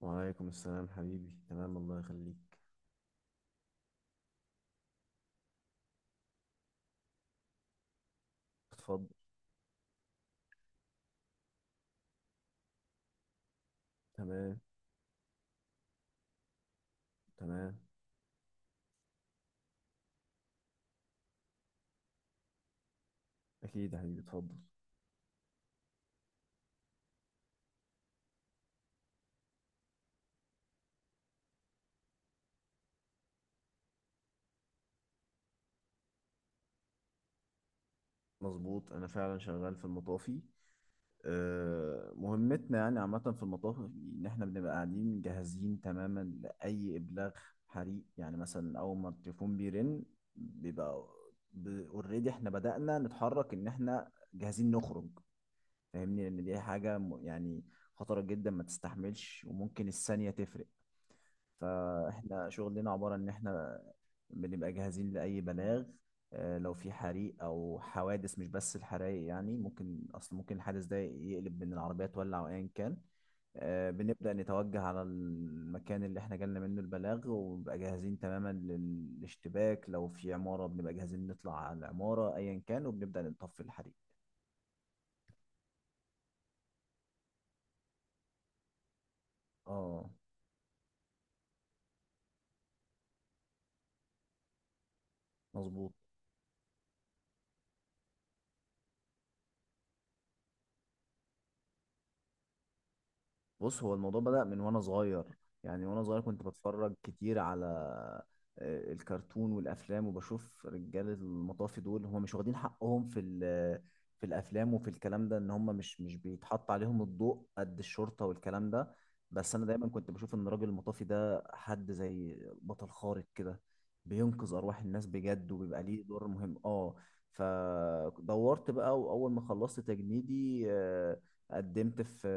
وعليكم السلام حبيبي، تمام الله يخليك. اتفضل. تمام. تمام. اكيد يا حبيبي اتفضل. مظبوط، انا فعلا شغال في المطافي. مهمتنا يعني عامة في المطافي ان احنا بنبقى قاعدين جاهزين تماما لاي ابلاغ حريق. يعني مثلا اول ما التليفون بيرن، بيبقى اوريدي احنا بدأنا نتحرك، ان احنا جاهزين نخرج. فاهمني؟ لان دي حاجة يعني خطرة جدا، ما تستحملش وممكن الثانية تفرق. فاحنا شغلنا عبارة ان احنا بنبقى جاهزين لأي بلاغ. لو في حريق أو حوادث، مش بس الحرايق، يعني ممكن ممكن الحادث ده يقلب بإن العربية تولع أو أيا كان. بنبدأ نتوجه على المكان اللي احنا جالنا منه البلاغ، ونبقى جاهزين تماما للاشتباك. لو في عمارة بنبقى جاهزين نطلع على العمارة أيا كان، وبنبدأ نطفي الحريق. اه مظبوط. بص، هو الموضوع بدأ من وانا صغير. يعني وانا صغير كنت بتفرج كتير على الكرتون والافلام، وبشوف رجال المطافي دول هم مش واخدين حقهم في الافلام وفي الكلام ده، ان هم مش بيتحط عليهم الضوء قد الشرطة والكلام ده. بس انا دايما كنت بشوف ان الراجل المطافي ده حد زي بطل خارق كده، بينقذ ارواح الناس بجد، وبيبقى ليه دور مهم اه. فدورت بقى، واول ما خلصت تجنيدي قدمت في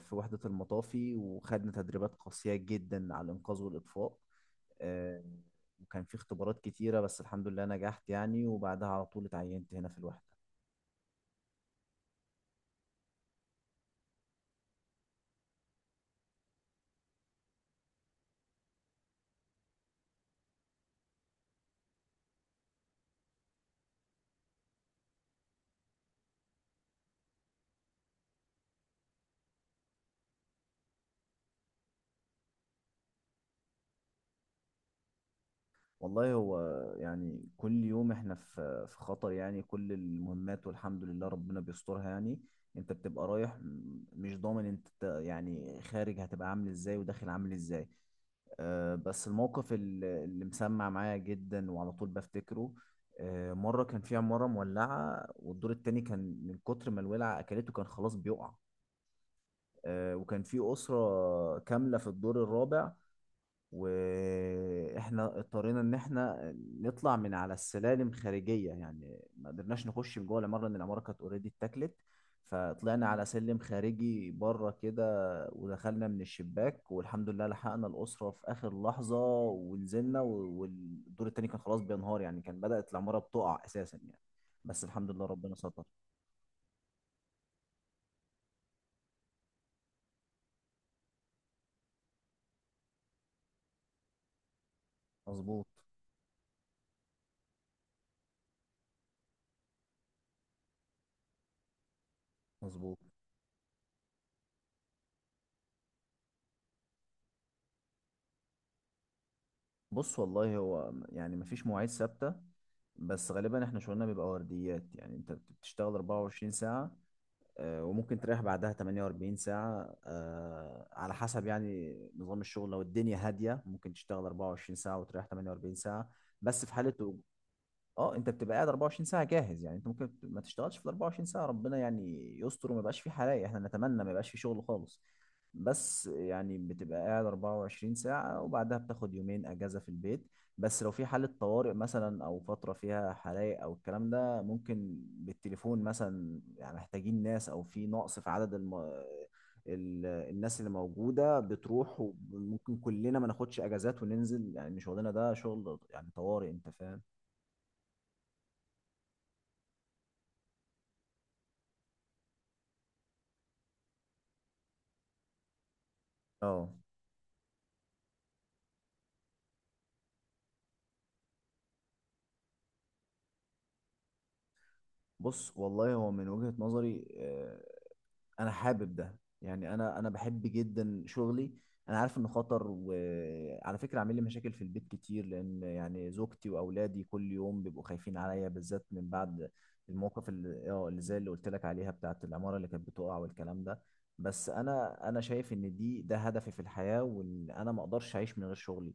في وحدة المطافي، وخدنا تدريبات قاسية جدا على الإنقاذ والإطفاء. آه، وكان في اختبارات كتيرة، بس الحمد لله نجحت يعني، وبعدها على طول اتعينت هنا في الوحدة. والله هو يعني كل يوم احنا في خطر، يعني كل المهمات والحمد لله ربنا بيسترها يعني. انت بتبقى رايح، مش ضامن انت يعني خارج هتبقى عامل ازاي وداخل عامل ازاي. بس الموقف اللي مسمع معايا جدا وعلى طول بفتكره: مرة كان في عمارة مولعة، والدور التاني كان من كتر ما الولعة أكلته كان خلاص بيقع. وكان في أسرة كاملة في الدور الرابع، واحنا اضطرينا ان احنا نطلع من على السلالم خارجيه، يعني ما قدرناش نخش من جوه العماره، لان العماره كانت اوريدي اتاكلت. فطلعنا على سلم خارجي بره كده، ودخلنا من الشباك، والحمد لله لحقنا الاسره في اخر لحظه ونزلنا. والدور التاني كان خلاص بينهار، يعني كان بدات العماره بتقع اساسا يعني. بس الحمد لله ربنا ستر. مظبوط. مظبوط. بص والله هو يعني مفيش مواعيد ثابتة. بس غالبا احنا شغلنا بيبقى ورديات، يعني انت بتشتغل 24 ساعة، وممكن تريح بعدها 48 ساعة. على حسب يعني نظام الشغل. لو الدنيا هادية ممكن تشتغل 24 ساعة وتريح 48 ساعة. بس في حالة اه انت بتبقى قاعد 24 ساعة جاهز، يعني انت ممكن ما تشتغلش في ال 24 ساعة، ربنا يعني يستر وما يبقاش في حرايق، احنا نتمنى ما يبقاش في شغل خالص. بس يعني بتبقى قاعد 24 ساعة وبعدها بتاخد 2 يومين أجازة في البيت. بس لو في حالة طوارئ مثلا، أو فترة فيها حرائق أو الكلام ده، ممكن بالتليفون مثلا، يعني محتاجين ناس أو في نقص في عدد الناس اللي موجودة بتروح، وممكن كلنا ما ناخدش أجازات وننزل، يعني إن شغلنا ده شغل يعني طوارئ، أنت فاهم؟ اه بص والله هو من وجهة نظري، انا حابب ده، يعني انا بحب جدا شغلي. انا عارف انه خطر، وعلى فكره عامل لي مشاكل في البيت كتير، لان يعني زوجتي واولادي كل يوم بيبقوا خايفين عليا، بالذات من بعد الموقف اللي اه اللي زي اللي قلت لك عليها بتاعت العماره اللي كانت بتقع والكلام ده. بس انا شايف ان ده هدفي في الحياه، وان انا ما اقدرش اعيش من غير شغلي.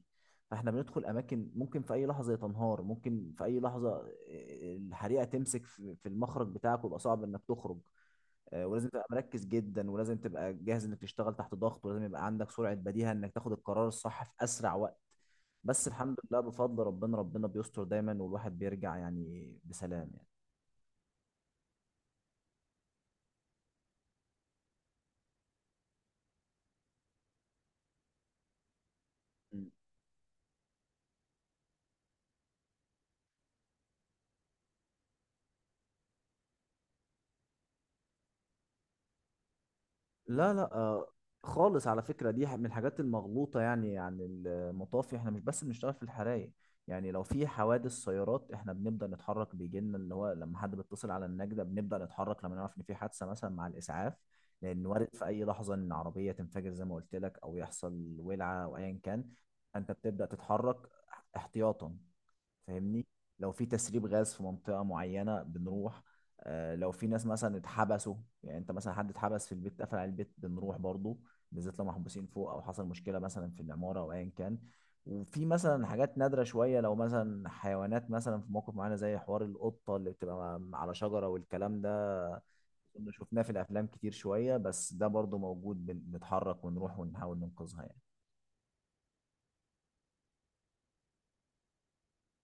فاحنا بندخل اماكن ممكن في اي لحظه تنهار، ممكن في اي لحظه الحريقه تمسك في المخرج بتاعك، ويبقى صعب انك تخرج. ولازم تبقى مركز جدا، ولازم تبقى جاهز انك تشتغل تحت ضغط، ولازم يبقى عندك سرعة بديهة انك تاخد القرار الصح في اسرع وقت. بس الحمد لله بفضل ربنا، ربنا بيستر دايما، والواحد بيرجع يعني بسلام. يعني لا خالص، على فكرة دي من الحاجات المغلوطة يعني عن المطافي. احنا مش بس بنشتغل في الحرايق. يعني لو في حوادث سيارات احنا بنبدأ نتحرك، بيجي لنا اللي هو لما حد بيتصل على النجدة بنبدأ نتحرك، لما نعرف ان في حادثة مثلا مع الإسعاف، لأن وارد في أي لحظة ان عربية تنفجر زي ما قلت لك، أو يحصل ولعة أو أيا كان. أنت بتبدأ تتحرك احتياطا، فاهمني؟ لو في تسريب غاز في منطقة معينة بنروح. لو في ناس مثلا اتحبسوا، يعني انت مثلا حد اتحبس في البيت، قفل على البيت بنروح برضو، بالذات لو محبوسين فوق، او حصل مشكلة مثلا في العمارة او ايا كان. وفي مثلا حاجات نادرة شوية، لو مثلا حيوانات مثلا في موقف معينة، زي حوار القطة اللي بتبقى على شجرة والكلام ده. كنا شفناه في الافلام كتير شوية، بس ده برضو موجود، بنتحرك ونروح ونحاول ننقذها يعني.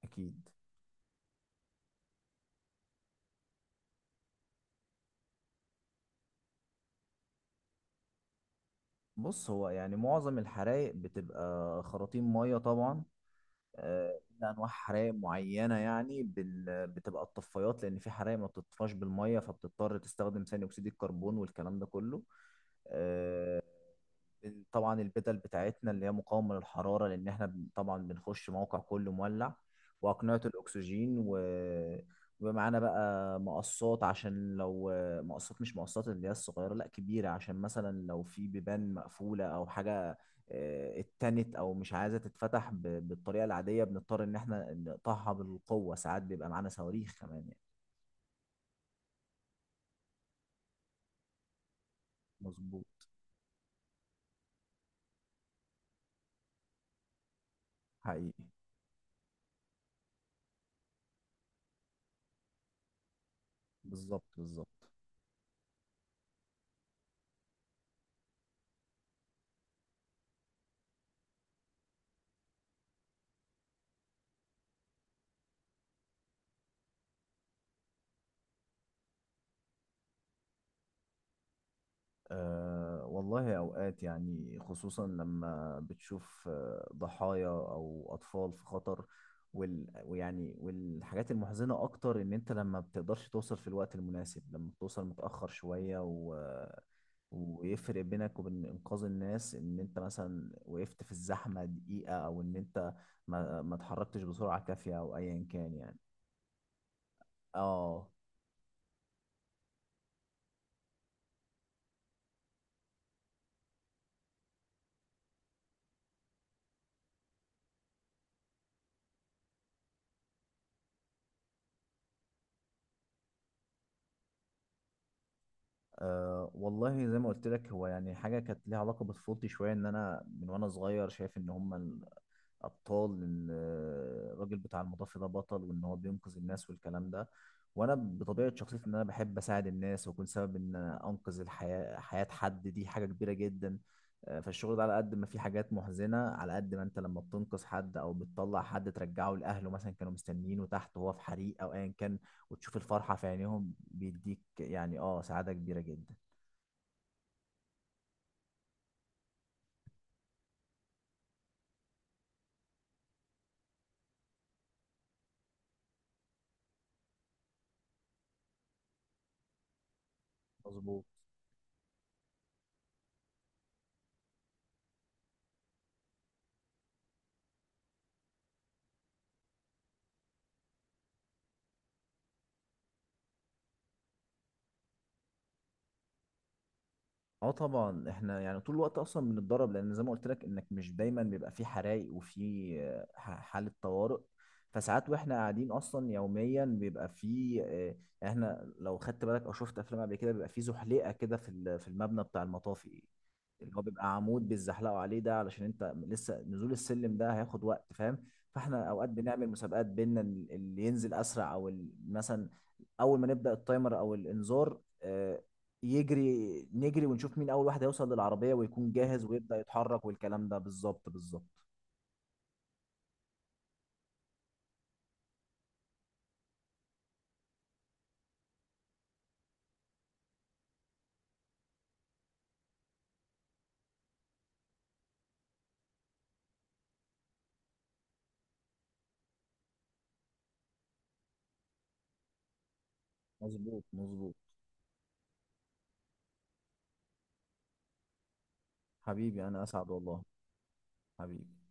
اكيد. بص، هو يعني معظم الحرايق بتبقى خراطيم ميه طبعا. إلا انواع حرايق معينه يعني بتبقى الطفايات، لان في حرايق ما بتطفاش بالميه، فبتضطر تستخدم ثاني اكسيد الكربون والكلام ده كله. آه، طبعا البدل بتاعتنا اللي هي مقاومة للحرارة، لأن احنا طبعا بنخش موقع كله مولع، وأقنعة الأكسجين ومعانا بقى مقصات، عشان لو مش مقصات اللي هي الصغيرة، لا كبيرة، عشان مثلا لو في بيبان مقفولة أو حاجة اتنت أو مش عايزة تتفتح بالطريقة العادية، بنضطر إن احنا نقطعها بالقوة. ساعات بيبقى معانا صواريخ كمان يعني. مظبوط. حقيقي. بالظبط بالظبط. أه والله أوقات يعني، خصوصا لما بتشوف ضحايا أو أطفال في خطر. والحاجات المحزنة أكتر إن أنت لما بتقدرش توصل في الوقت المناسب، لما بتوصل متأخر شوية، ويفرق بينك وبين إنقاذ الناس إن أنت مثلا وقفت في الزحمة دقيقة، أو إن أنت ما اتحركتش بسرعة كافية أو أيا كان يعني. اه. أه والله زي ما قلت لك، هو يعني حاجة كانت ليها علاقة بطفولتي شوية، إن أنا من وأنا صغير شايف إن هما الأبطال، إن الراجل بتاع المطافي ده بطل، وإن هو بينقذ الناس والكلام ده. وأنا بطبيعة شخصيتي إن أنا بحب أساعد الناس، وأكون سبب إن أنقذ حياة حد، دي حاجة كبيرة جدا. فالشغل ده على قد ما في حاجات محزنة، على قد ما أنت لما بتنقذ حد أو بتطلع حد ترجعه لأهله مثلا، كانوا مستنيينه تحت وهو في حريق أو أيا كان، وتشوف الفرحة في عينيهم، بيديك يعني اه سعادة كبيرة جدا. مظبوط. اه طبعا، احنا يعني طول الوقت اصلا بنتدرب، لان زي ما قلت لك انك مش دايما بيبقى في حرايق وفي حالة طوارئ. فساعات واحنا قاعدين اصلا يوميا بيبقى في يعني احنا لو خدت بالك او شفت افلام قبل كده، بيبقى في زحليقة كده في المبنى بتاع المطافي، اللي هو بيبقى عمود بيتزحلقوا عليه ده، علشان انت لسه نزول السلم ده هياخد وقت، فاهم؟ فاحنا اوقات بنعمل مسابقات بينا، اللي ينزل اسرع، مثلا اول ما نبدا التايمر او الانذار، يجري نجري ونشوف مين اول واحد هيوصل للعربيه ويكون جاهز ويبدا يتحرك والكلام ده. بالظبط بالظبط. مظبوط مظبوط. حبيبي انا اسعد والله. حبيبي.